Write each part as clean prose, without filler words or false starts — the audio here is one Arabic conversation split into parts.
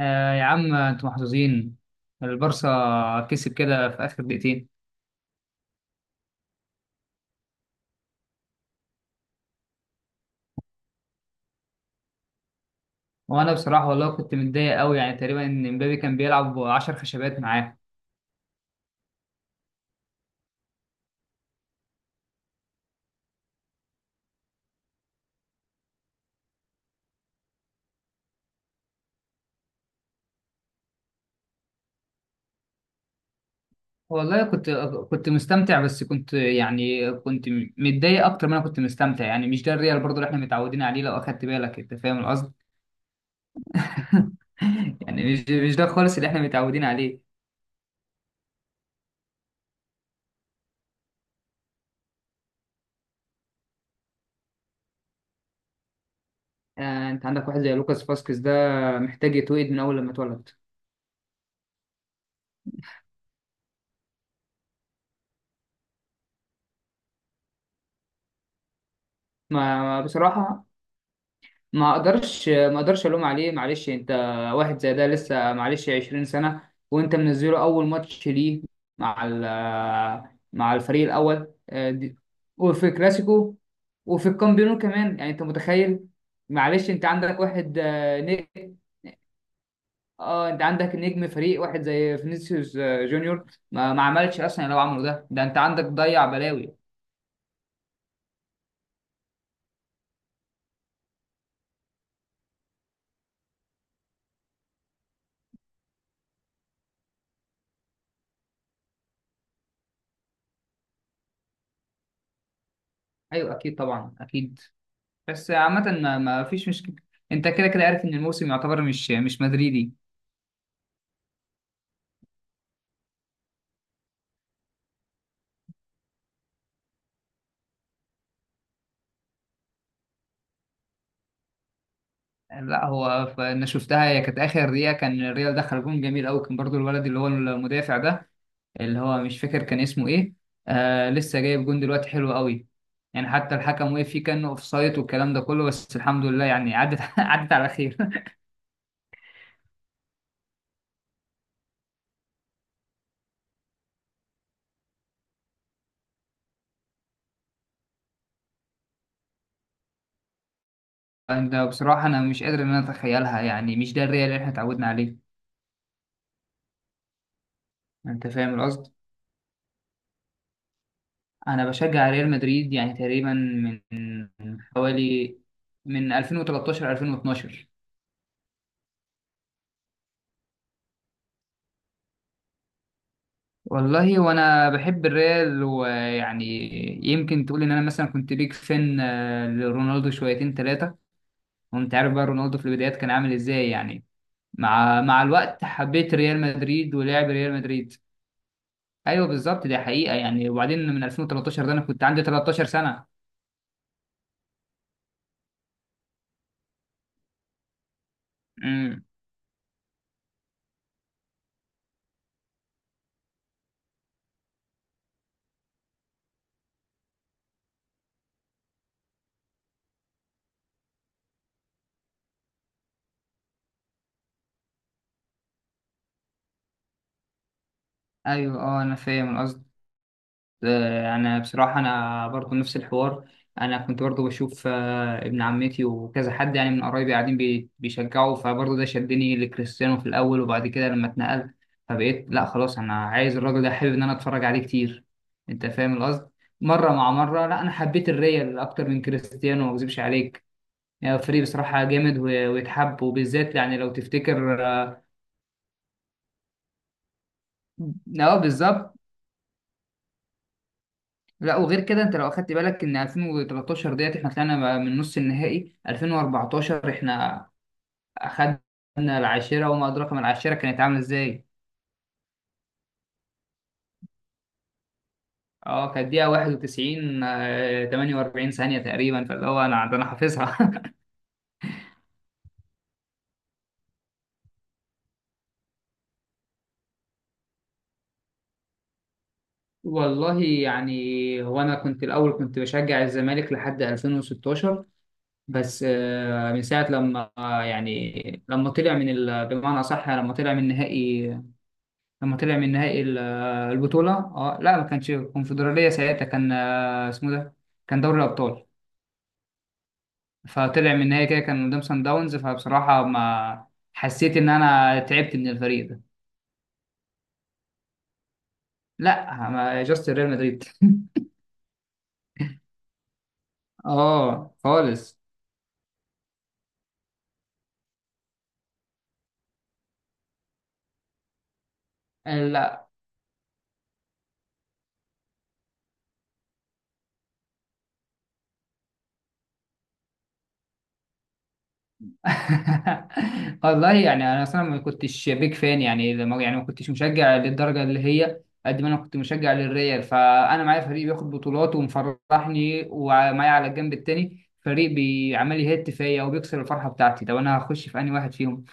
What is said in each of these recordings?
آه يا عم انتوا محظوظين. البارسا كسب كده في اخر دقيقتين. وانا بصراحه والله كنت متضايق قوي، يعني تقريبا ان امبابي كان بيلعب 10 خشبات معاه. والله كنت مستمتع، بس كنت يعني كنت متضايق اكتر ما انا كنت مستمتع. يعني مش ده الريال برضو اللي احنا متعودين عليه، لو اخدت بالك انت فاهم القصد. يعني مش ده خالص اللي احنا متعودين عليه. آه انت عندك واحد زي لوكاس فاسكيز ده محتاج يتوقد من اول لما اتولد. ما بصراحه ما اقدرش الوم عليه. معلش انت، واحد زي ده لسه معلش 20 سنه وانت منزله اول ماتش ليه مع ال- مع الفريق الاول، وفي كلاسيكو وفي الكامبيونو كمان، يعني انت متخيل. معلش انت عندك واحد نجم. اه انت عندك نجم فريق واحد زي فينيسيوس جونيور ما عملش اصلا. لو عمله ده انت عندك ضيع بلاوي. ايوه اكيد طبعا اكيد. بس عامة ما فيش مشكلة. انت كده كده عارف ان الموسم يعتبر مش مدريدي. لا هو انا شفتها، هي كانت اخر دقيقة كان الريال دخل جون جميل قوي، كان برضو الولد اللي هو المدافع ده، اللي هو مش فاكر كان اسمه ايه. آه لسه جايب جون دلوقتي حلو قوي، يعني حتى الحكم وقف فيه كانه اوفسايد والكلام ده كله، بس الحمد لله يعني عدت عدت على خير. ده بصراحة انا مش قادر ان انا اتخيلها، يعني مش ده الريال اللي احنا اتعودنا عليه. انت فاهم القصد. انا بشجع ريال مدريد يعني تقريبا من حوالي من 2013 2012. والله وانا بحب الريال ويعني يمكن تقول ان انا مثلا كنت بيك فان لرونالدو شويتين ثلاثه. وانت عارف بقى رونالدو في البدايات كان عامل ازاي يعني. مع الوقت حبيت ريال مدريد ولعب ريال مدريد. ايوه بالظبط دي حقيقه يعني، وبعدين من 2013 ده انا كنت عندي 13 سنه. امم ايوه اه انا فاهم القصد. انا بصراحه انا برضو نفس الحوار. انا كنت برضو بشوف ابن عمتي وكذا حد، يعني من قرايبي قاعدين بيشجعوا، فبرضو ده شدني لكريستيانو في الاول، وبعد كده لما اتنقلت فبقيت لا خلاص انا عايز الراجل ده، حابب ان انا اتفرج عليه كتير. انت فاهم القصد. مره مع مره لا انا حبيت الريال اكتر من كريستيانو ما اكذبش عليك. يعني فريق بصراحه جامد ويتحب، وبالذات يعني لو تفتكر اه بالظبط. لا وغير كده انت لو اخدت بالك ان 2013 ديت احنا طلعنا من نص النهائي، 2014 احنا اخدنا العاشرة وما ادراك ما العاشرة كانت عاملة ازاي. اه كانت دقيقة 91 48 ثانية تقريبا، فاللي هو انا ده انا حافظها. والله يعني هو انا كنت الاول كنت بشجع الزمالك لحد 2016، بس من ساعة لما يعني لما طلع من بمعنى صح، لما طلع من نهائي، لما طلع من نهائي البطولة. اه لا ما كانش كونفدرالية ساعتها، كان اسمه ده كان دوري الأبطال. فطلع من النهائي كده كان قدام سان داونز، فبصراحة ما حسيت إن أنا تعبت من الفريق ده. لا ما جاست ريال مدريد. اه خالص. لا. والله يعني انا اصلا ما كنتش بيك فان، يعني لما يعني ما كنتش مشجع للدرجه اللي هي، قد ما انا كنت مشجع للريال، فانا معايا فريق بياخد بطولات ومفرحني، ومعايا على الجنب التاني فريق بيعمل لي هيت فيا وبيكسر الفرحه بتاعتي، طب انا هخش في انهي واحد فيهم.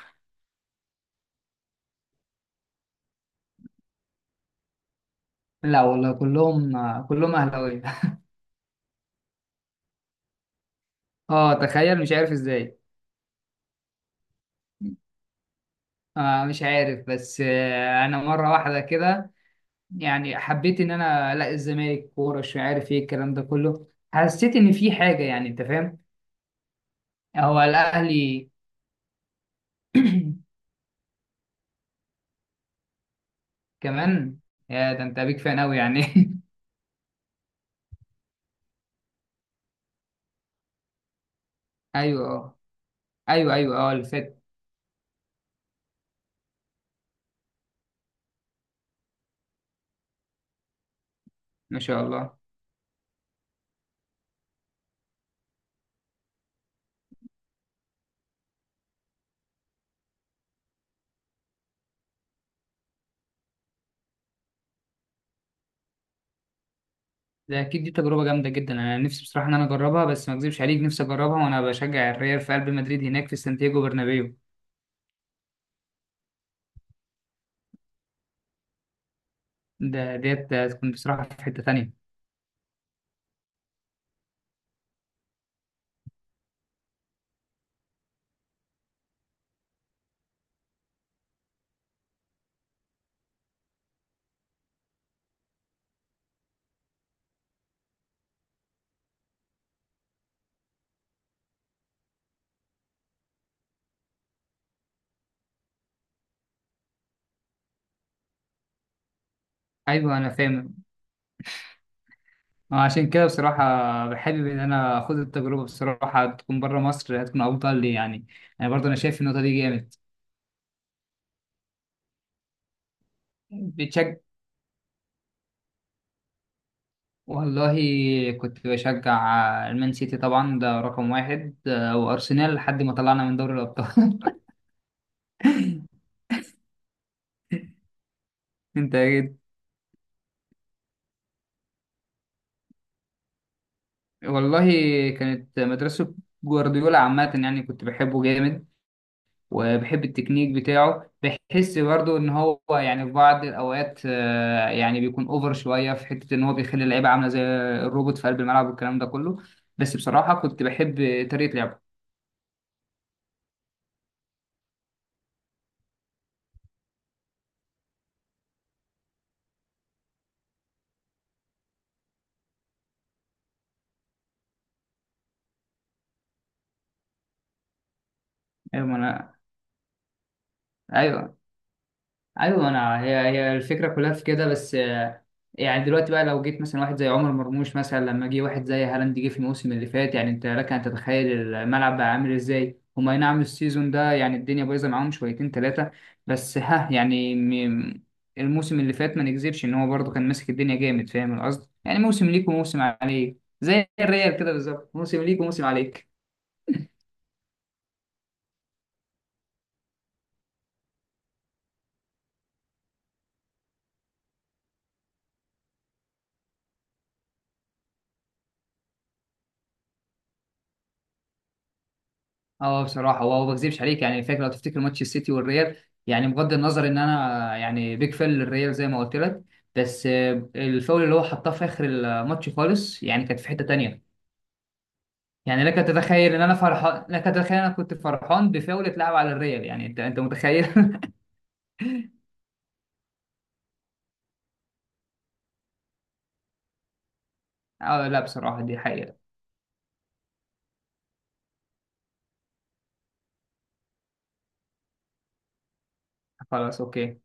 لا والله كلهم كلهم اهلاويه. اه تخيل مش عارف ازاي. آه مش عارف، بس آه انا مره واحده كده يعني حبيت ان انا الاقي الزمالك كوره، مش عارف ايه الكلام ده كله، حسيت ان في حاجه، يعني انت فاهم. هو الاهلي. كمان. يا ده انت بيك فان قوي يعني. ايوه اه. ايوه ايوه اه اللي فات. ما شاء الله. ده اكيد دي تجربه جامده جدا، انا نفسي بصراحه ان انا اجربها، بس ما اكذبش عليك نفسي اجربها وانا بشجع الريال في قلب مدريد هناك في سانتياغو برنابيو. ده ديت هتكون بصراحه في حته تانيه. ايوه انا فاهم. عشان كده بصراحة بحابب إن أنا أخد التجربة، بصراحة تكون بره مصر هتكون أفضل لي يعني. يعني برضه أنا شايف النقطة دي جامد. بتشجع. والله كنت بشجع المان سيتي طبعا ده رقم واحد، وأرسنال لحد ما طلعنا من دوري الأبطال. أنت إيه؟ والله كانت مدرسة جوارديولا عامة، يعني كنت بحبه جامد وبحب التكنيك بتاعه، بحس برضو ان هو يعني في بعض الاوقات يعني بيكون اوفر شويه في حته ان هو بيخلي اللعيبه عامله زي الروبوت في قلب الملعب والكلام ده كله. بس بصراحه كنت بحب طريقه لعبه. ايوه انا، ايوه ايوه. انا هي الفكره كلها في كده. بس يعني دلوقتي بقى لو جيت مثلا واحد زي عمر مرموش، مثلا لما جه واحد زي هالاند جه في الموسم اللي فات، يعني انت لك ان تتخيل الملعب بقى عامل ازاي. هما أي نعم السيزون ده يعني الدنيا بايظه معاهم شويتين ثلاثه، بس ها يعني م- الموسم اللي فات ما نكذبش ان هو برضه كان ماسك الدنيا جامد، فاهم القصد يعني موسم ليك وموسم عليك، زي الريال كده بالظبط موسم ليك وموسم عليك. اه بصراحه هو ما بكذبش عليك، يعني فاكر لو تفتكر ماتش السيتي والريال، يعني بغض النظر ان انا يعني بيج فان للريال زي ما قلت لك، بس الفاول اللي هو حطاه في اخر الماتش خالص يعني كانت في حته تانيه. يعني لك تتخيل ان انا فرحان، لك تتخيل انا كنت فرحان بفاول اتلعب على الريال يعني، انت متخيل. اه لا بصراحه دي حقيقه. خلاص اوكي.